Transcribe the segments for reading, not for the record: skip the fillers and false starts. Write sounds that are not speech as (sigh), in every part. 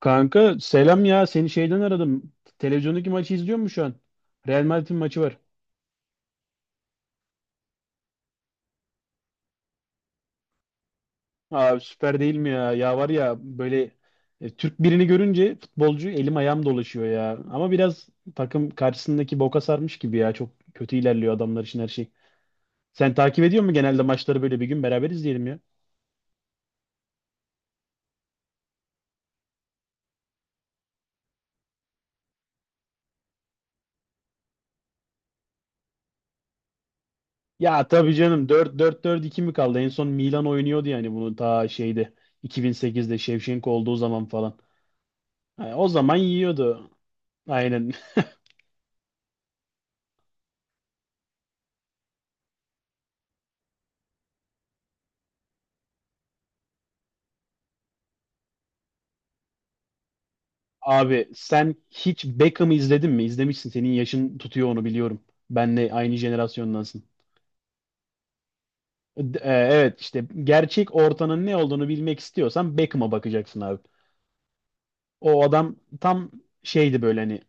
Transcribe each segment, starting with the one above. Kanka selam ya seni şeyden aradım. Televizyondaki maçı izliyor musun şu an? Real Madrid'in maçı var. Abi süper değil mi ya? Ya var ya böyle Türk birini görünce futbolcu elim ayağım dolaşıyor ya. Ama biraz takım karşısındaki boka sarmış gibi ya. Çok kötü ilerliyor adamlar için her şey. Sen takip ediyor musun genelde maçları? Böyle bir gün beraber izleyelim ya. Ya tabii canım, 4 4 4 iki mi kaldı? En son Milan oynuyordu yani bunu ta şeyde 2008'de Şevçenko olduğu zaman falan. Ha, o zaman yiyordu. Aynen. (laughs) Abi sen hiç Beckham'ı izledin mi? İzlemişsin. Senin yaşın tutuyor, onu biliyorum. Benle aynı jenerasyondansın. Evet, işte gerçek ortanın ne olduğunu bilmek istiyorsan Beckham'a bakacaksın abi. O adam tam şeydi, böyle hani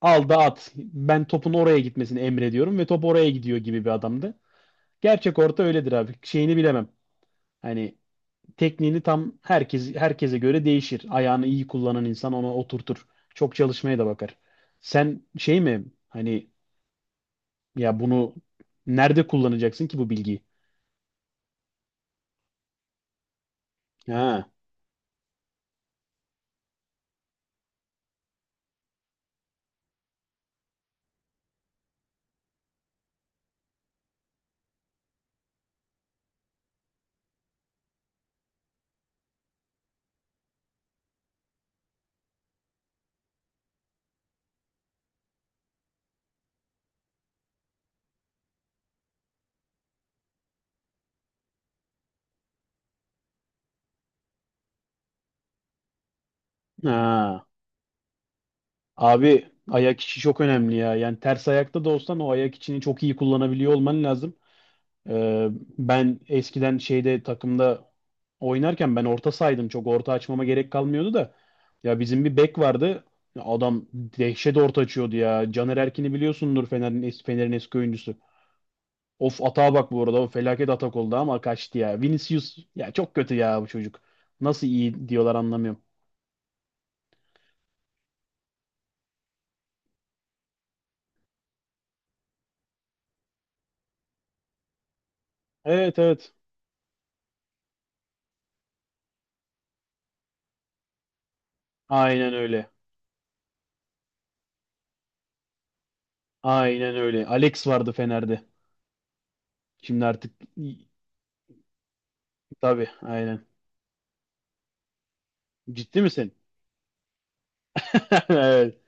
al da at. Ben topun oraya gitmesini emrediyorum ve top oraya gidiyor gibi bir adamdı. Gerçek orta öyledir abi. Şeyini bilemem. Hani tekniğini tam herkes herkese göre değişir. Ayağını iyi kullanan insan ona oturtur. Çok çalışmaya da bakar. Sen şey mi? Hani ya bunu nerede kullanacaksın ki bu bilgiyi? Ha. Ha. Abi ayak içi çok önemli ya. Yani ters ayakta da olsan o ayak içini çok iyi kullanabiliyor olman lazım. Ee, ben eskiden şeyde takımda oynarken ben orta saydım. Çok orta açmama gerek kalmıyordu da. Ya bizim bir bek vardı. Ya adam dehşet orta açıyordu ya. Caner Erkin'i biliyorsundur Fener'in, Fener'in eski oyuncusu. Of, atağa bak bu arada. O felaket atak oldu ama kaçtı ya. Vinicius ya çok kötü ya bu çocuk. Nasıl iyi diyorlar anlamıyorum. Evet, evet. Aynen öyle. Aynen öyle. Alex vardı Fener'de. Şimdi artık tabii, aynen. Ciddi misin? (laughs)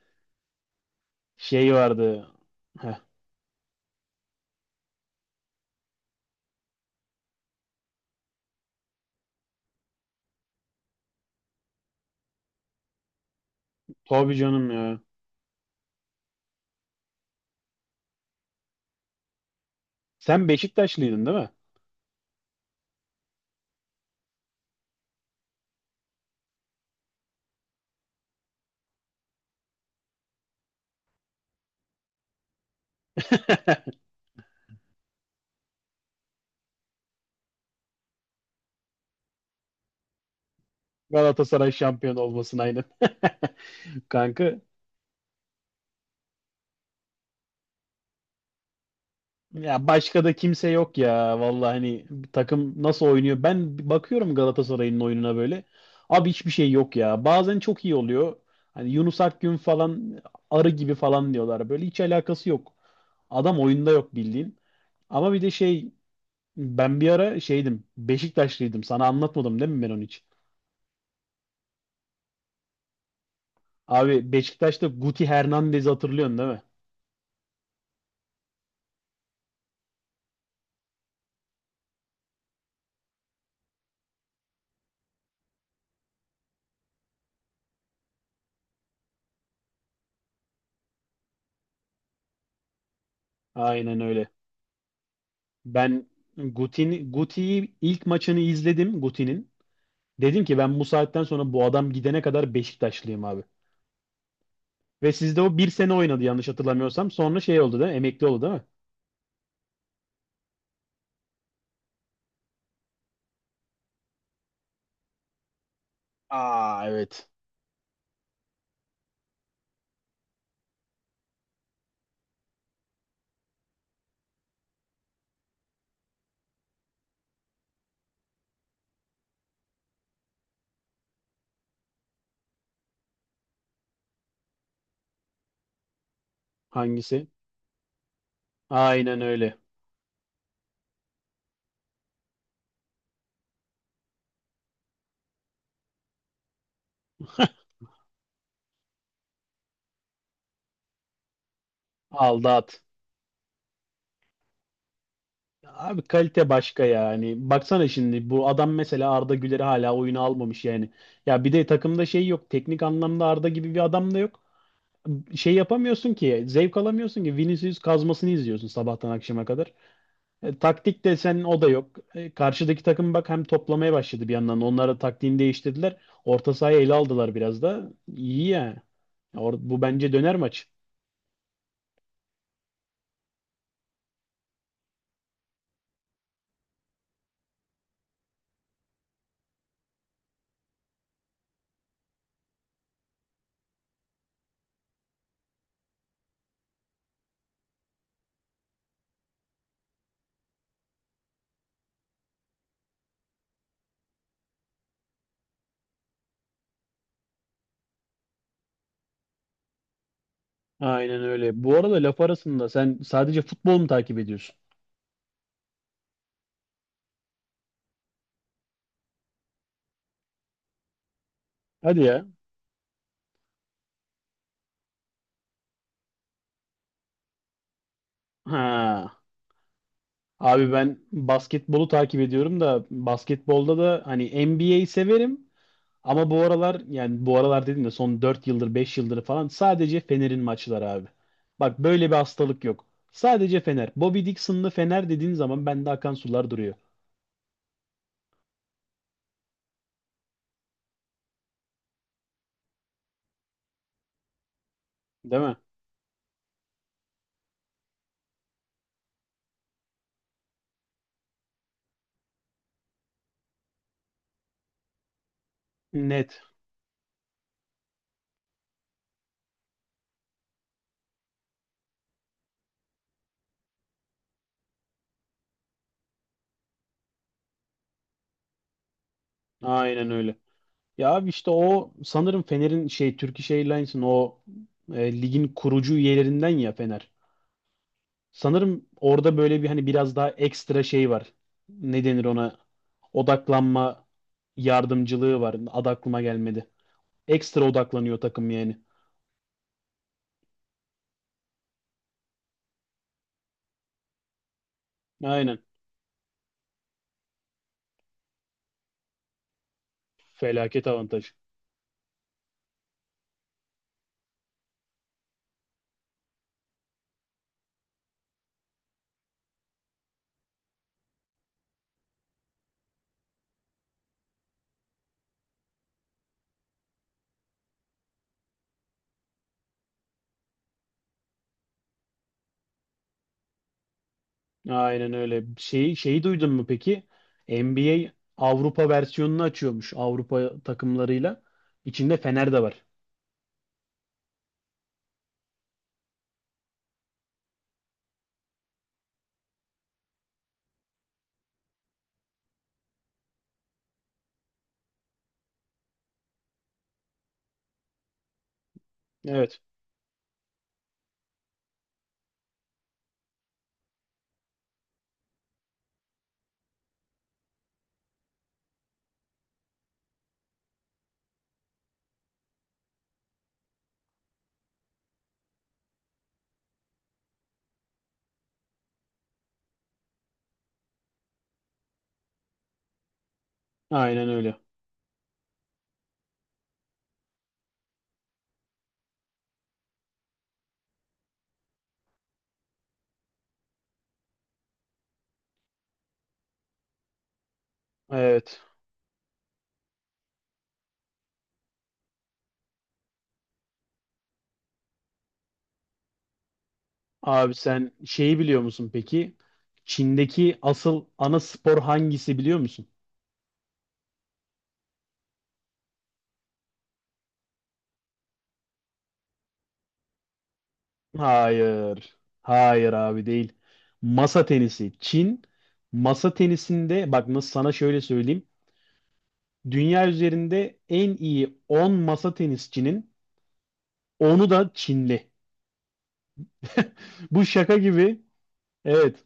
Şey vardı. Heh, tabii canım ya. Sen Beşiktaşlıydın değil mi? (laughs) Galatasaray şampiyon olmasın, aynen. (laughs) Kanka ya başka da kimse yok ya. Vallahi hani takım nasıl oynuyor? Ben bakıyorum Galatasaray'ın oyununa böyle. Abi hiçbir şey yok ya. Bazen çok iyi oluyor. Hani Yunus Akgün falan arı gibi falan diyorlar. Böyle hiç alakası yok. Adam oyunda yok, bildiğin. Ama bir de şey, ben bir ara şeydim, Beşiktaşlıydım. Sana anlatmadım değil mi ben onu hiç? Abi Beşiktaş'ta Guti Hernandez'i hatırlıyorsun değil mi? Aynen öyle. Ben Guti'yi ilk maçını izledim Guti'nin. Dedim ki ben bu saatten sonra bu adam gidene kadar Beşiktaşlıyım abi. Ve sizde o bir sene oynadı yanlış hatırlamıyorsam. Sonra şey oldu değil mi? Emekli oldu değil mi? Aa, evet. Hangisi? Aynen öyle. Aldat. Abi kalite başka yani. Baksana, şimdi bu adam mesela Arda Güler'i hala oyuna almamış yani. Ya bir de takımda şey yok. Teknik anlamda Arda gibi bir adam da yok. Şey yapamıyorsun ki, zevk alamıyorsun ki, Vinicius kazmasını izliyorsun sabahtan akşama kadar. Taktik de sen o da yok. Karşıdaki takım bak hem toplamaya başladı bir yandan. Onlara taktiğini değiştirdiler. Orta sahayı ele aldılar biraz da. İyi ya. Bu bence döner maç. Aynen öyle. Bu arada laf arasında sen sadece futbol mu takip ediyorsun? Hadi ya. Ha. Abi ben basketbolu takip ediyorum da, basketbolda da hani NBA severim. Ama bu aralar, yani bu aralar dedim de, son 4 yıldır 5 yıldır falan sadece Fener'in maçları abi. Bak, böyle bir hastalık yok. Sadece Fener. Bobby Dixon'lı Fener dediğin zaman bende akan sular duruyor. Değil mi? Net. Aynen öyle. Ya abi işte o sanırım Fener'in şey, Turkish Airlines'ın o ligin kurucu üyelerinden ya Fener. Sanırım orada böyle bir hani biraz daha ekstra şey var. Ne denir ona? Odaklanma yardımcılığı var. Adı aklıma gelmedi. Ekstra odaklanıyor takım yani. Aynen. Felaket avantaj. Aynen öyle. Şeyi duydun mu peki? NBA Avrupa versiyonunu açıyormuş Avrupa takımlarıyla. İçinde Fener de var. Evet. Aynen öyle. Evet. Abi sen şeyi biliyor musun peki? Çin'deki asıl ana spor hangisi biliyor musun? Hayır. Hayır abi, değil. Masa tenisi. Çin masa tenisinde, bak nasıl, sana şöyle söyleyeyim. Dünya üzerinde en iyi 10 masa tenisçinin onu da Çinli. Bu şaka gibi. Evet.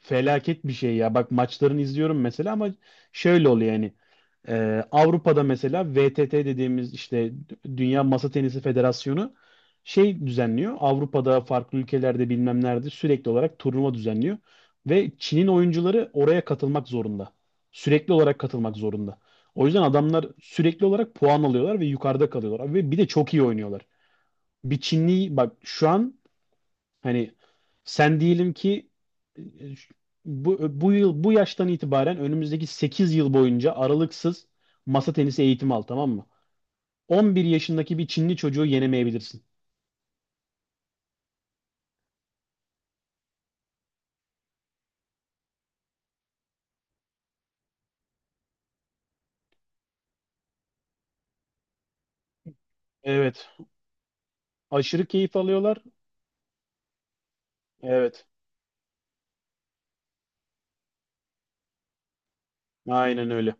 Felaket bir şey ya. Bak maçlarını izliyorum mesela ama şöyle oluyor yani. Avrupa'da mesela VTT dediğimiz işte Dünya Masa Tenisi Federasyonu şey düzenliyor. Avrupa'da farklı ülkelerde bilmem nerede sürekli olarak turnuva düzenliyor. Ve Çin'in oyuncuları oraya katılmak zorunda. Sürekli olarak katılmak zorunda. O yüzden adamlar sürekli olarak puan alıyorlar ve yukarıda kalıyorlar. Ve bir de çok iyi oynuyorlar. Bir Çinli bak şu an. Hani sen diyelim ki e, ş- bu yıl bu yaştan itibaren önümüzdeki 8 yıl boyunca aralıksız masa tenisi eğitimi al, tamam mı? 11 yaşındaki bir Çinli çocuğu yenemeyebilirsin. Evet. Aşırı keyif alıyorlar. Evet. Aynen öyle.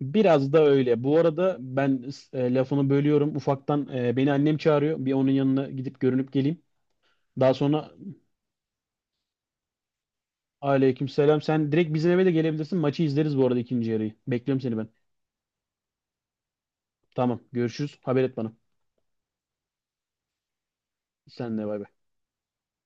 Biraz da öyle. Bu arada ben, lafını bölüyorum. Ufaktan, beni annem çağırıyor. Bir onun yanına gidip görünüp geleyim. Daha sonra aleykümselam. Sen direkt bizim eve de gelebilirsin. Maçı izleriz bu arada, ikinci yarıyı. Bekliyorum seni ben. Tamam. Görüşürüz. Haber et bana. Sen de bay bay.